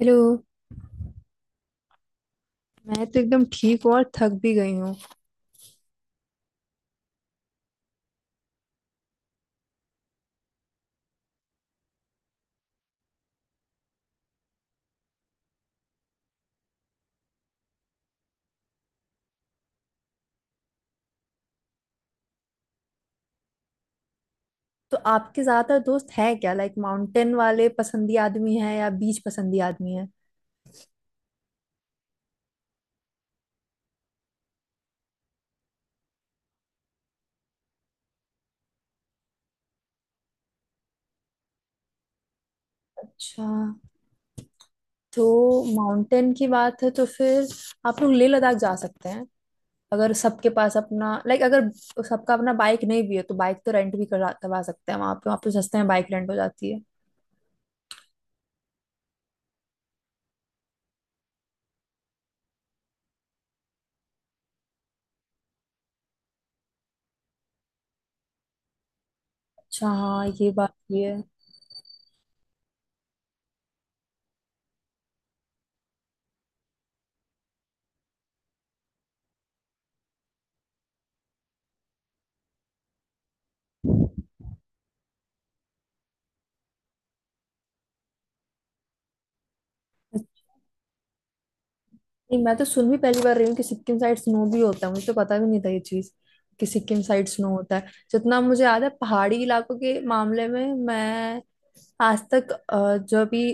Hello. मैं तो एकदम ठीक हूँ और थक भी गई हूँ। तो आपके ज्यादातर दोस्त है क्या, लाइक माउंटेन वाले पसंदी आदमी है या बीच पसंदी आदमी है? अच्छा, तो माउंटेन की बात है तो फिर आप लोग लेह लद्दाख जा सकते हैं। अगर सबके पास अपना, लाइक, अगर सबका अपना बाइक नहीं भी है तो बाइक तो रेंट भी करा करवा सकते हैं वहाँ पे। सस्ते में बाइक रेंट हो जाती है। अच्छा हाँ, ये बात भी है। नहीं, मैं तो सुन भी पहली बार रही हूँ कि सिक्किम साइड स्नो भी होता है, मुझे तो पता भी नहीं था ये चीज कि सिक्किम साइड स्नो होता है। जितना मुझे याद है पहाड़ी इलाकों के मामले में मैं आज तक जो अभी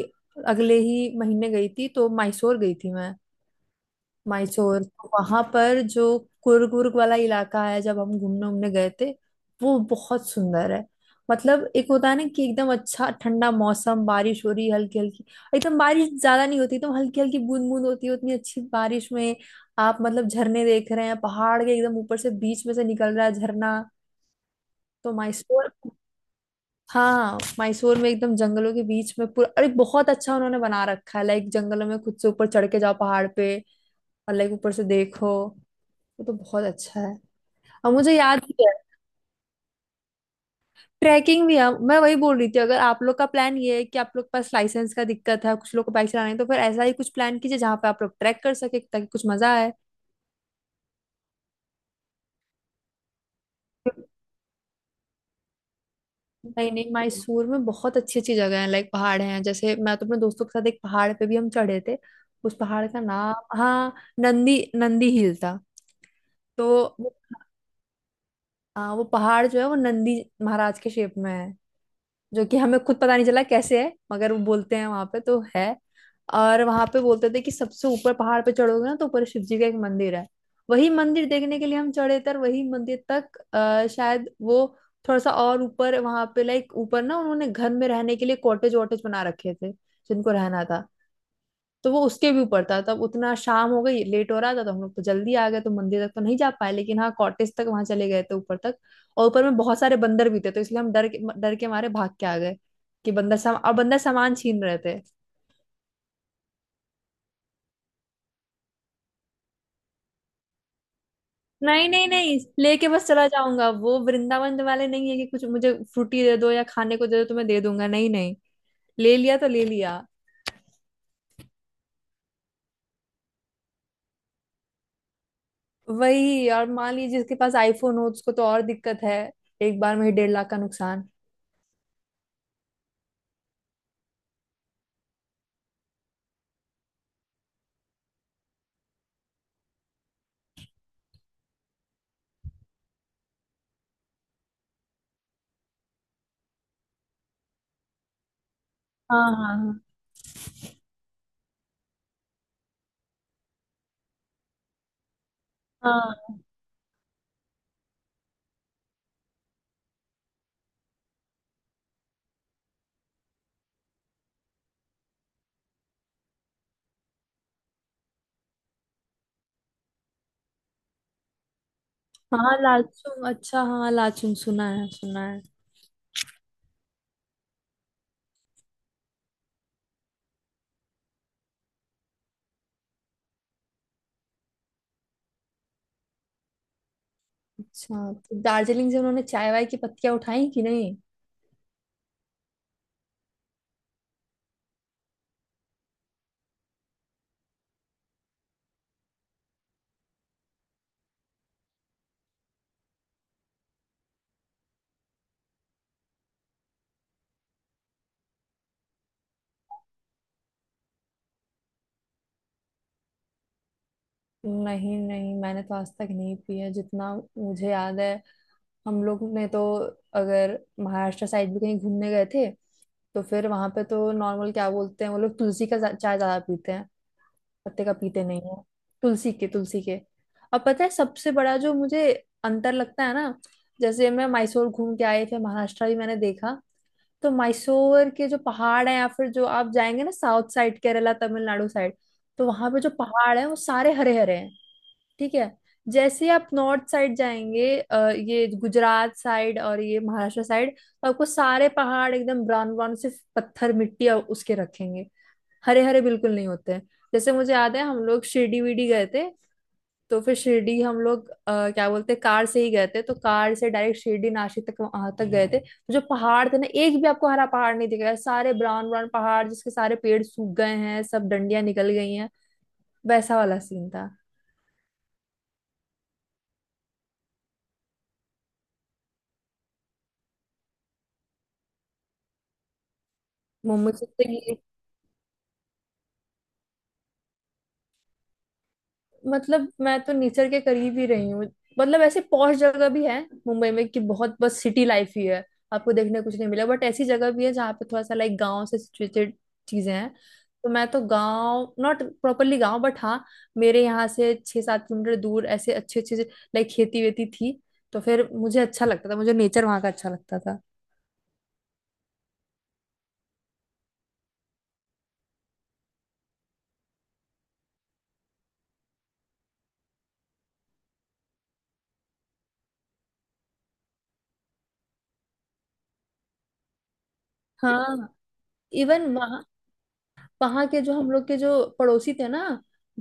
अगले ही महीने गई थी तो मैसूर गई थी मैं। मायसोर, तो वहां पर जो कुर्ग वुर्ग वाला इलाका है जब हम घूमने उमने गए थे वो बहुत सुंदर है। मतलब एक होता है ना कि एकदम अच्छा ठंडा मौसम, बारिश हो रही हल्की हल्की, एकदम बारिश ज्यादा नहीं होती, एकदम हल्की हल्की बूंद बूंद होती है उतनी अच्छी बारिश में, आप मतलब झरने देख रहे हैं पहाड़ के एकदम ऊपर से, बीच में से निकल रहा है झरना। तो मायसोर, हाँ मायसोर में एकदम जंगलों के बीच में पूरा, अरे बहुत अच्छा उन्होंने बना रखा है, लाइक जंगलों में खुद से ऊपर चढ़ के जाओ पहाड़ पे, और लाइक ऊपर से देखो, वो तो बहुत अच्छा है। और मुझे याद भी है, ट्रैकिंग भी है। मैं वही बोल रही थी अगर आप लोग का प्लान ये है कि आप लोग के पास लाइसेंस का दिक्कत है कुछ लोग को बाइक चलाने, तो फिर ऐसा ही कुछ प्लान कीजिए जहाँ पे आप लोग ट्रैक कर सके ताकि कुछ मजा आए। नहीं नहीं, मैसूर में बहुत अच्छी अच्छी जगह है, लाइक पहाड़ हैं। जैसे मैं तो अपने दोस्तों के साथ एक पहाड़ पे भी हम चढ़े थे। उस पहाड़ का नाम, हाँ, नंदी नंदी हिल था। तो वो- हाँ, वो पहाड़ जो है वो नंदी महाराज के शेप में है, जो कि हमें खुद पता नहीं चला कैसे है मगर वो बोलते हैं वहां पे तो है। और वहां पे बोलते थे कि सबसे ऊपर पहाड़ पे चढ़ोगे ना तो ऊपर शिव जी का एक मंदिर है। वही मंदिर देखने के लिए हम चढ़े थे, और वही मंदिर तक शायद वो थोड़ा सा और ऊपर, वहां पे लाइक ऊपर ना उन्होंने घर में रहने के लिए कॉटेज वॉटेज बना रखे थे जिनको रहना था। तो वो उसके भी ऊपर था, तब उतना शाम हो गई लेट हो रहा था तो हम लोग तो जल्दी आ गए तो मंदिर तक तो नहीं जा पाए, लेकिन हाँ कॉटेज तक वहां चले गए थे ऊपर तक। और ऊपर में बहुत सारे बंदर भी थे तो इसलिए हम डर के मारे भाग के आ गए कि बंदर सम और बंदर सामान छीन रहे थे। नहीं नहीं नहीं, लेके बस चला जाऊंगा, वो वृंदावन वाले नहीं है कि कुछ मुझे फ्रूटी दे दो या खाने को दे दो तो मैं दे दूंगा, नहीं नहीं, ले लिया तो ले लिया। वही, और मान लीजिए जिसके पास आईफोन हो उसको तो और दिक्कत है, एक बार में ही 1.5 लाख का नुकसान। हाँ हाँ। हाँ हाँ लाचुंग, अच्छा हाँ लाचुंग सुना है सुना है। अच्छा, तो दार्जिलिंग से उन्होंने चाय वाय की पत्तियां उठाई कि नहीं? नहीं नहीं, मैंने तो आज तक नहीं पिया जितना मुझे याद है। हम लोग ने तो अगर महाराष्ट्र साइड भी कहीं घूमने गए थे तो फिर वहां पे तो नॉर्मल क्या बोलते हैं वो लोग तुलसी का चाय ज्यादा पीते हैं, पत्ते का पीते नहीं है, तुलसी के तुलसी के। और पता है सबसे बड़ा जो मुझे अंतर लगता है ना, जैसे मैं मैसूर घूम के आई फिर महाराष्ट्र भी मैंने देखा, तो मैसूर के जो पहाड़ हैं या फिर जो आप जाएंगे ना south side, Kerala Tamil Nadu side, तो वहां पे जो पहाड़ हैं वो सारे हरे हरे हैं, ठीक है? जैसे ही आप नॉर्थ साइड जाएंगे ये गुजरात साइड और ये महाराष्ट्र साइड, तो आपको सारे पहाड़ एकदम ब्राउन ब्राउन सिर्फ पत्थर मिट्टी और उसके रखेंगे, हरे हरे बिल्कुल नहीं होते हैं। जैसे मुझे याद है हम लोग शिरडी विरडी गए थे, तो फिर शिरडी हम लोग क्या बोलते हैं, कार से ही गए थे तो कार से डायरेक्ट शिरडी नासिक तक वहां तक गए थे, तो जो पहाड़ थे ना एक भी आपको हरा पहाड़ नहीं दिखेगा, सारे ब्राउन ब्राउन पहाड़ जिसके सारे पेड़ सूख गए हैं, सब डंडियां निकल गई हैं, वैसा वाला सीन था। मोमो चिप्स। मतलब मैं तो नेचर के करीब ही रही हूँ। मतलब ऐसे पॉश जगह भी है मुंबई में कि बहुत बस सिटी लाइफ ही है, आपको देखने को कुछ नहीं मिला, बट ऐसी जगह भी है जहाँ पे थोड़ा सा लाइक गांव से सिचुएटेड चीजें हैं। तो मैं तो गांव, नॉट प्रॉपरली गांव बट हाँ, मेरे यहाँ से 6-7 किलोमीटर दूर ऐसे अच्छे अच्छे लाइक खेती वेती थी, तो फिर मुझे अच्छा लगता था, मुझे नेचर वहाँ का अच्छा लगता था। हाँ। इवन वहाँ, वहाँ के जो हम लोग के जो पड़ोसी थे ना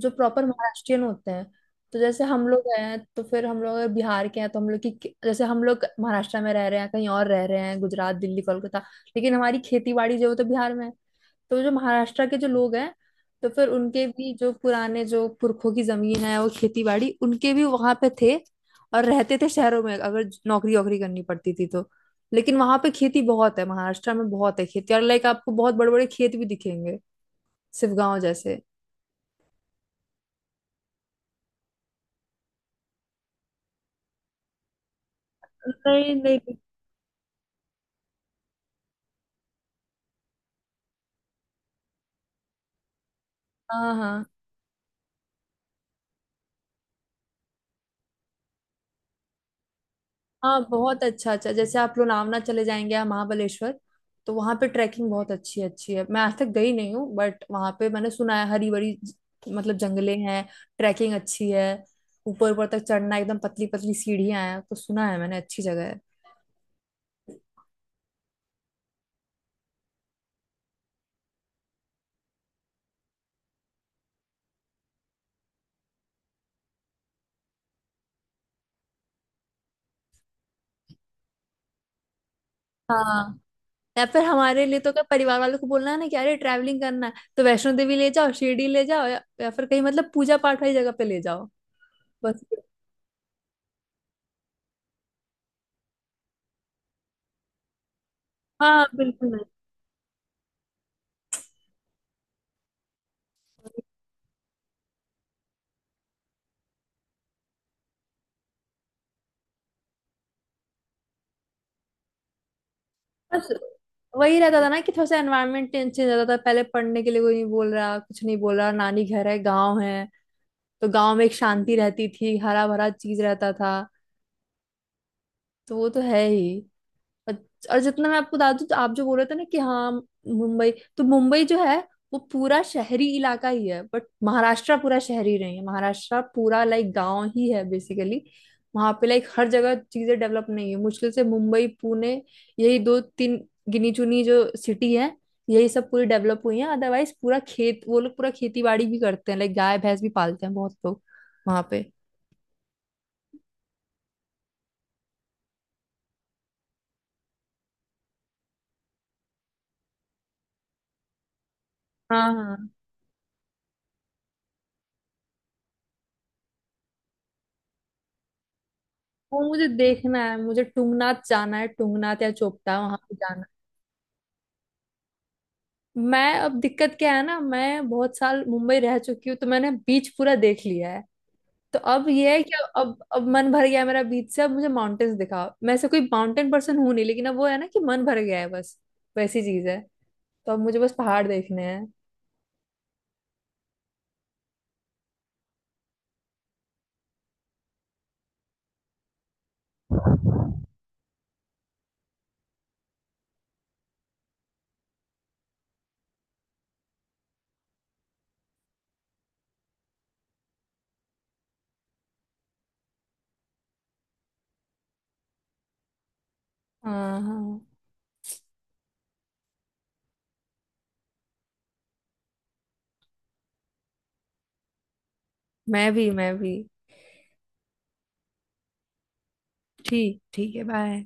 जो प्रॉपर महाराष्ट्रियन होते हैं, तो जैसे हम लोग हैं तो फिर हम लोग अगर बिहार के हैं तो हम लोग की जैसे हम लोग महाराष्ट्र में रह रहे हैं कहीं और रह रहे हैं गुजरात दिल्ली कोलकाता, लेकिन हमारी खेती बाड़ी जो है वो तो बिहार में है। तो जो महाराष्ट्र के जो लोग हैं तो फिर उनके भी जो पुराने जो पुरखों की जमीन है वो खेती बाड़ी उनके भी वहां पे थे, और रहते थे शहरों में अगर नौकरी वोकरी करनी पड़ती थी तो। लेकिन वहां पे खेती बहुत है, महाराष्ट्र में बहुत है खेती, और लाइक आपको बहुत बड़े बड़े खेत भी दिखेंगे, शिवगांव जैसे। नहीं नहीं। हाँ हाँ, हाँ बहुत अच्छा अच्छा, जैसे आप लोनावला चले जाएंगे या महाबलेश्वर, तो वहाँ पे ट्रैकिंग बहुत अच्छी अच्छी है। मैं आज तक गई नहीं हूँ बट वहाँ पे मैंने सुना है हरी भरी मतलब जंगले हैं, ट्रैकिंग अच्छी है, ऊपर ऊपर तक चढ़ना एकदम पतली पतली सीढ़ियाँ हैं, तो सुना है मैंने अच्छी जगह है। हाँ। या फिर हमारे लिए तो क्या परिवार वालों को बोलना है ना कि अरे ट्रैवलिंग करना है तो वैष्णो देवी ले जाओ शिरडी ले जाओ, या फिर कहीं मतलब पूजा पाठ वाली जगह पे ले जाओ। बस। हाँ बिल्कुल। बस वही रहता था ना कि थोड़ा सा एनवायरनमेंट चेंज रहता था, पहले पढ़ने के लिए कोई नहीं बोल रहा कुछ नहीं बोल रहा, नानी घर है गाँव है, तो गाँव में एक शांति रहती थी, हरा भरा चीज रहता था, तो वो तो है ही। और जितना मैं आपको बता दूं, तो आप जो बोल रहे थे ना कि हाँ मुंबई, तो मुंबई जो है वो पूरा शहरी इलाका ही है, बट महाराष्ट्र पूरा शहरी नहीं है, महाराष्ट्र पूरा लाइक गांव ही है बेसिकली। वहां पे लाइक हर जगह चीजें डेवलप नहीं है, मुश्किल से मुंबई पुणे, यही दो तीन गिनी चुनी जो सिटी है यही सब पूरी डेवलप हुई है, अदरवाइज पूरा खेत वो लोग पूरा खेती बाड़ी भी करते हैं, लाइक गाय भैंस भी पालते हैं बहुत लोग वहां पे। हाँ हाँ। वो मुझे देखना है, मुझे टुंगनाथ जाना है, टुंगनाथ या चोपटा वहां पे जाना है। मैं, अब दिक्कत क्या है ना, मैं बहुत साल मुंबई रह चुकी हूँ तो मैंने बीच पूरा देख लिया है। तो अब ये है कि अब मन भर गया है मेरा बीच से, अब मुझे माउंटेन्स दिखाओ। मैं से कोई माउंटेन पर्सन हूं नहीं, लेकिन अब वो है ना कि मन भर गया है बस, वैसी चीज है। तो अब मुझे बस पहाड़ देखने हैं। हाँ हाँ। मैं भी मैं भी। ठीक, ठीक है, बाय।